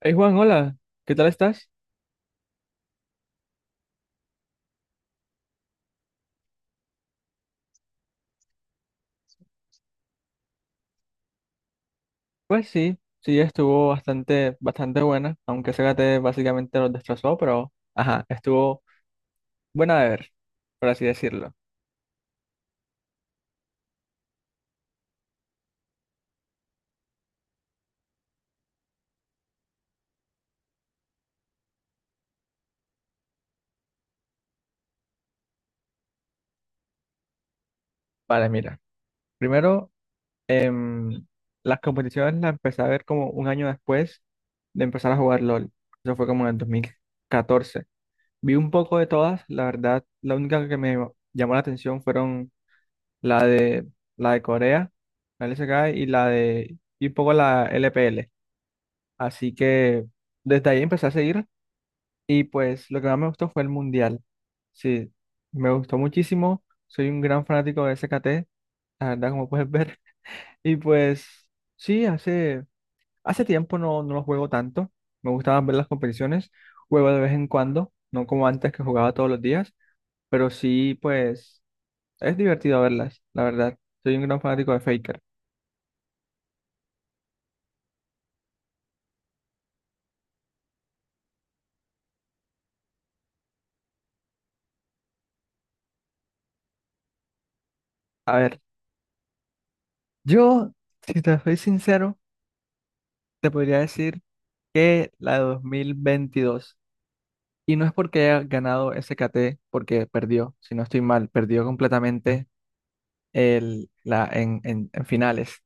Hey Juan, hola, ¿qué tal estás? Pues sí, sí, estuvo bastante, bastante buena, aunque Zárate básicamente nos destrozó, pero ajá, estuvo buena de ver, por así decirlo. Vale, mira, primero, em, las competiciones las empecé a ver como un año después de empezar a jugar LOL. Eso fue como en el 2014. Vi un poco de todas, la verdad, la única que me llamó la atención fueron la de, la de Corea, la LSK y la de, y un poco la LPL. Así que desde ahí empecé a seguir y pues lo que más me gustó fue el mundial. Sí, me gustó muchísimo. Soy un gran fanático de SKT, la verdad, como puedes ver. Y pues sí, hace, hace tiempo no, no lo juego tanto. Me gustaban ver las competiciones. Juego de vez en cuando, no como antes que jugaba todos los días, pero sí, pues es divertido verlas, la verdad. Soy un gran fanático de Faker. A ver, yo, si te soy sincero, te podría decir que la de 2022. Y no es porque haya ganado SKT, porque perdió, si no estoy mal, perdió completamente el, la, en, en finales,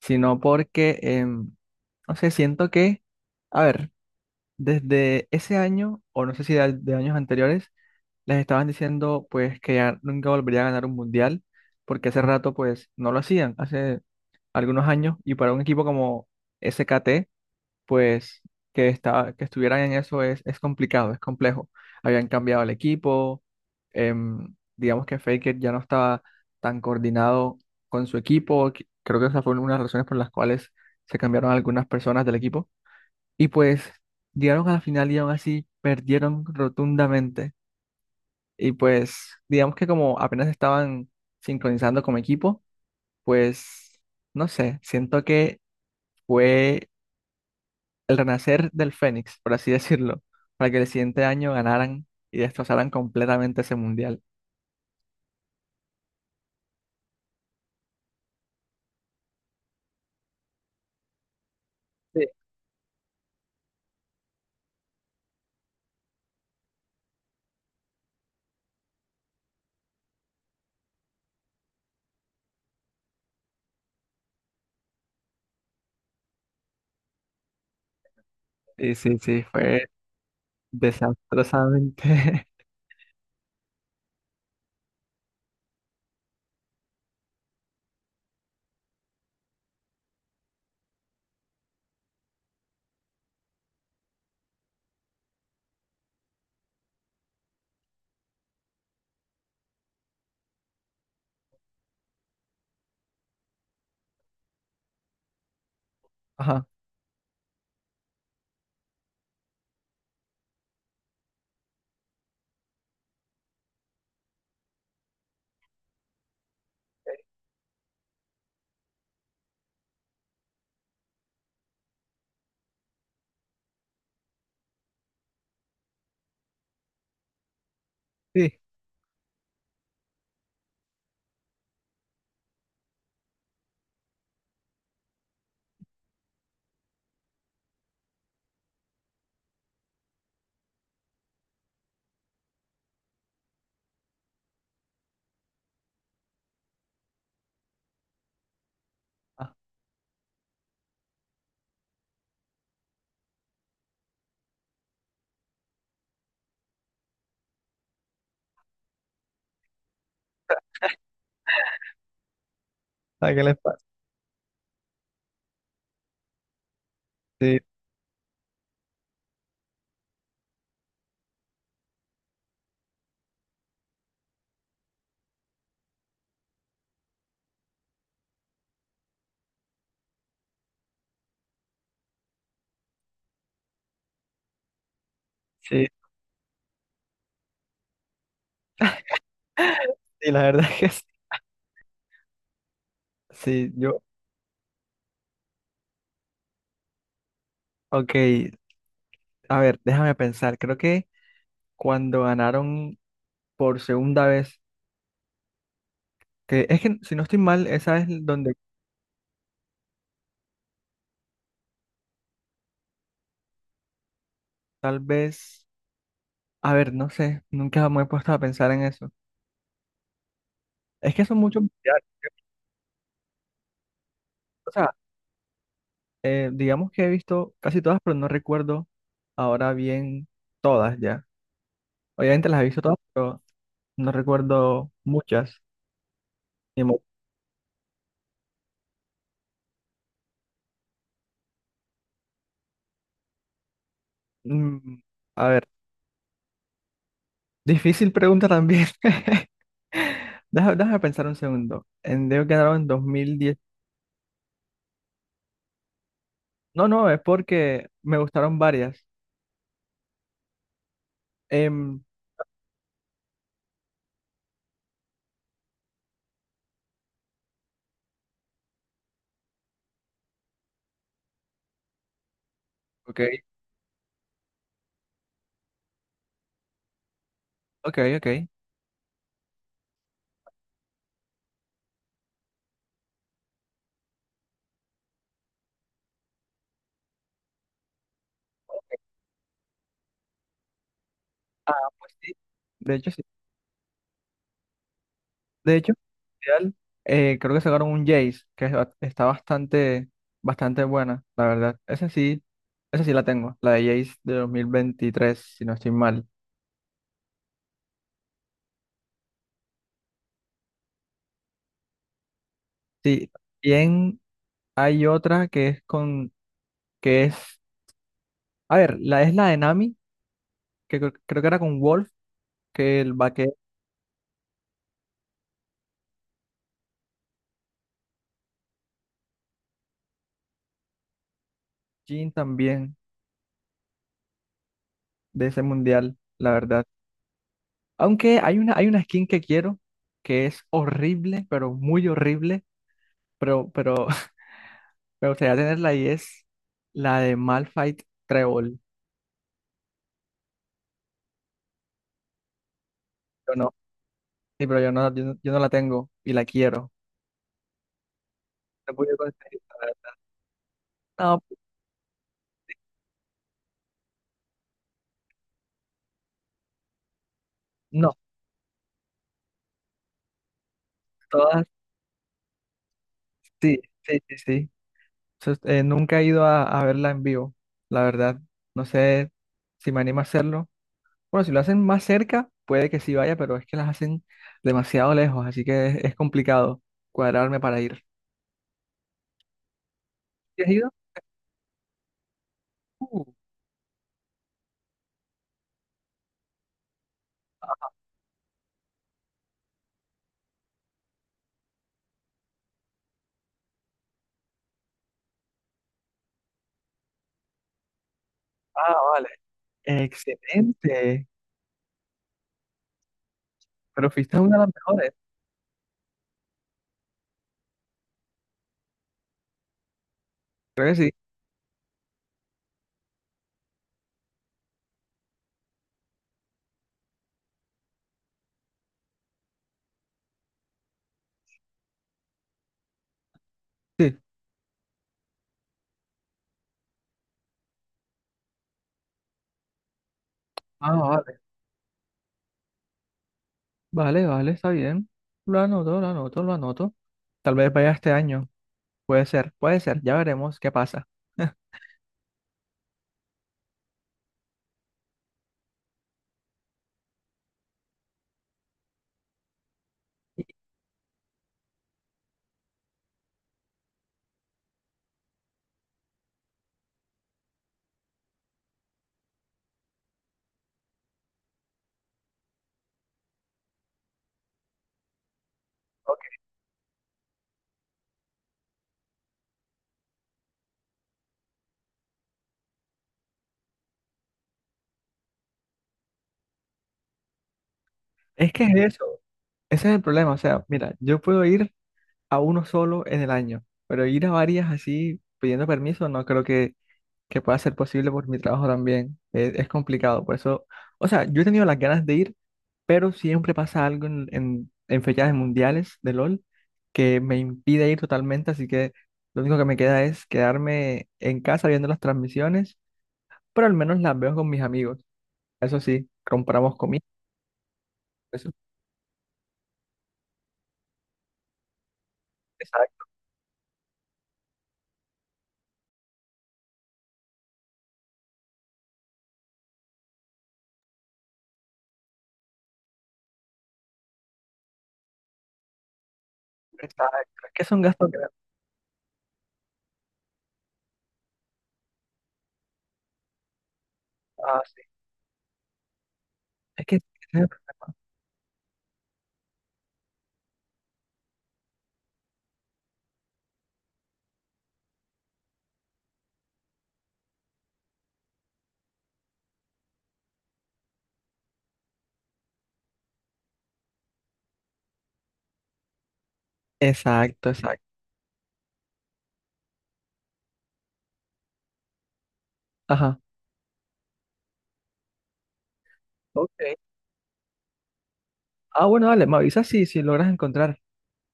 sino porque, no sé, siento que, a ver, desde ese año, o no sé si de, de años anteriores, les estaban diciendo pues que ya nunca volvería a ganar un mundial, porque hace rato pues no lo hacían, hace algunos años, y para un equipo como SKT, pues que, está que estuvieran en eso es complicado, es complejo. Habían cambiado el equipo, digamos que Faker ya no estaba tan coordinado con su equipo, creo que esa fue una de las razones por las cuales se cambiaron algunas personas del equipo. Y pues llegaron a la final y aún así perdieron rotundamente. Y pues digamos que como apenas estaban sincronizando como equipo, pues no sé, siento que fue el renacer del Fénix, por así decirlo, para que el siguiente año ganaran y destrozaran completamente ese mundial. Sí. Y sí, sí, fue desastrosamente. Ajá, sí. Ah, ¿a qué les pasa? Sí, sí, sí, la verdad es que sí. Sí, yo, ok, a ver, déjame pensar. Creo que cuando ganaron por segunda vez, que es que si no estoy mal, esa es donde tal vez, a ver, no sé, nunca me he puesto a pensar en eso. Es que son muchos mundiales. O sea, digamos que he visto casi todas, pero no recuerdo ahora bien todas ya. Obviamente las he visto todas, pero no recuerdo muchas. Ni mo- Mm, a ver, difícil pregunta también. Déjame, pensar un segundo. En Deo quedaron en 2010. No, no, es porque me gustaron varias. Em, ok, ok, ok. Ah, pues sí. De hecho, de hecho, real, creo que sacaron un Jace, que es está bastante, bastante buena, la verdad. Esa sí la tengo, la de Jace de 2023, si no estoy mal. Sí, bien, hay otra que es con, que es, a ver, la es la de Nami, que creo que era con Wolf, que el vaquero. Jin también de ese mundial, la verdad. Aunque hay una skin que quiero, que es horrible, pero muy horrible, pero me gustaría tenerla y es la de Malphite Trébol. Yo no, sí, pero yo no, yo no, yo no la tengo y la quiero. No he podido conseguir, la verdad. No, no, todas, sí, sí, sí, sí. Nunca he ido a verla en vivo, la verdad. No sé si me animo a hacerlo. Bueno, si lo hacen más cerca, puede que sí vaya, pero es que las hacen demasiado lejos, así que es complicado cuadrarme para ir. ¿Sí has ido? Uh, ah, vale. Excelente. Pero fuiste a una de las mejores. Creo que sí. Sí. Ah, vale. Vale, vale, está bien. Lo anoto, lo anoto, lo anoto. Tal vez vaya este año. Puede ser, puede ser. Ya veremos qué pasa. Y es que es eso. Ese es el problema. O sea, mira, yo puedo ir a uno solo en el año, pero ir a varias así pidiendo permiso no creo que pueda ser posible por mi trabajo también. Es complicado. Por eso, o sea, yo he tenido las ganas de ir, pero siempre pasa algo en fechas mundiales de LOL que me impide ir totalmente, así que lo único que me queda es quedarme en casa viendo las transmisiones, pero al menos las veo con mis amigos. Eso sí, compramos comida. Eso, exacto, exacto. Es que son gastos grandes. Ah, sí. Es que… Exacto, exacto. Ajá. Ok. Ah, bueno, dale, me avisas si, si logras encontrar.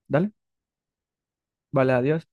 Dale. Vale, adiós.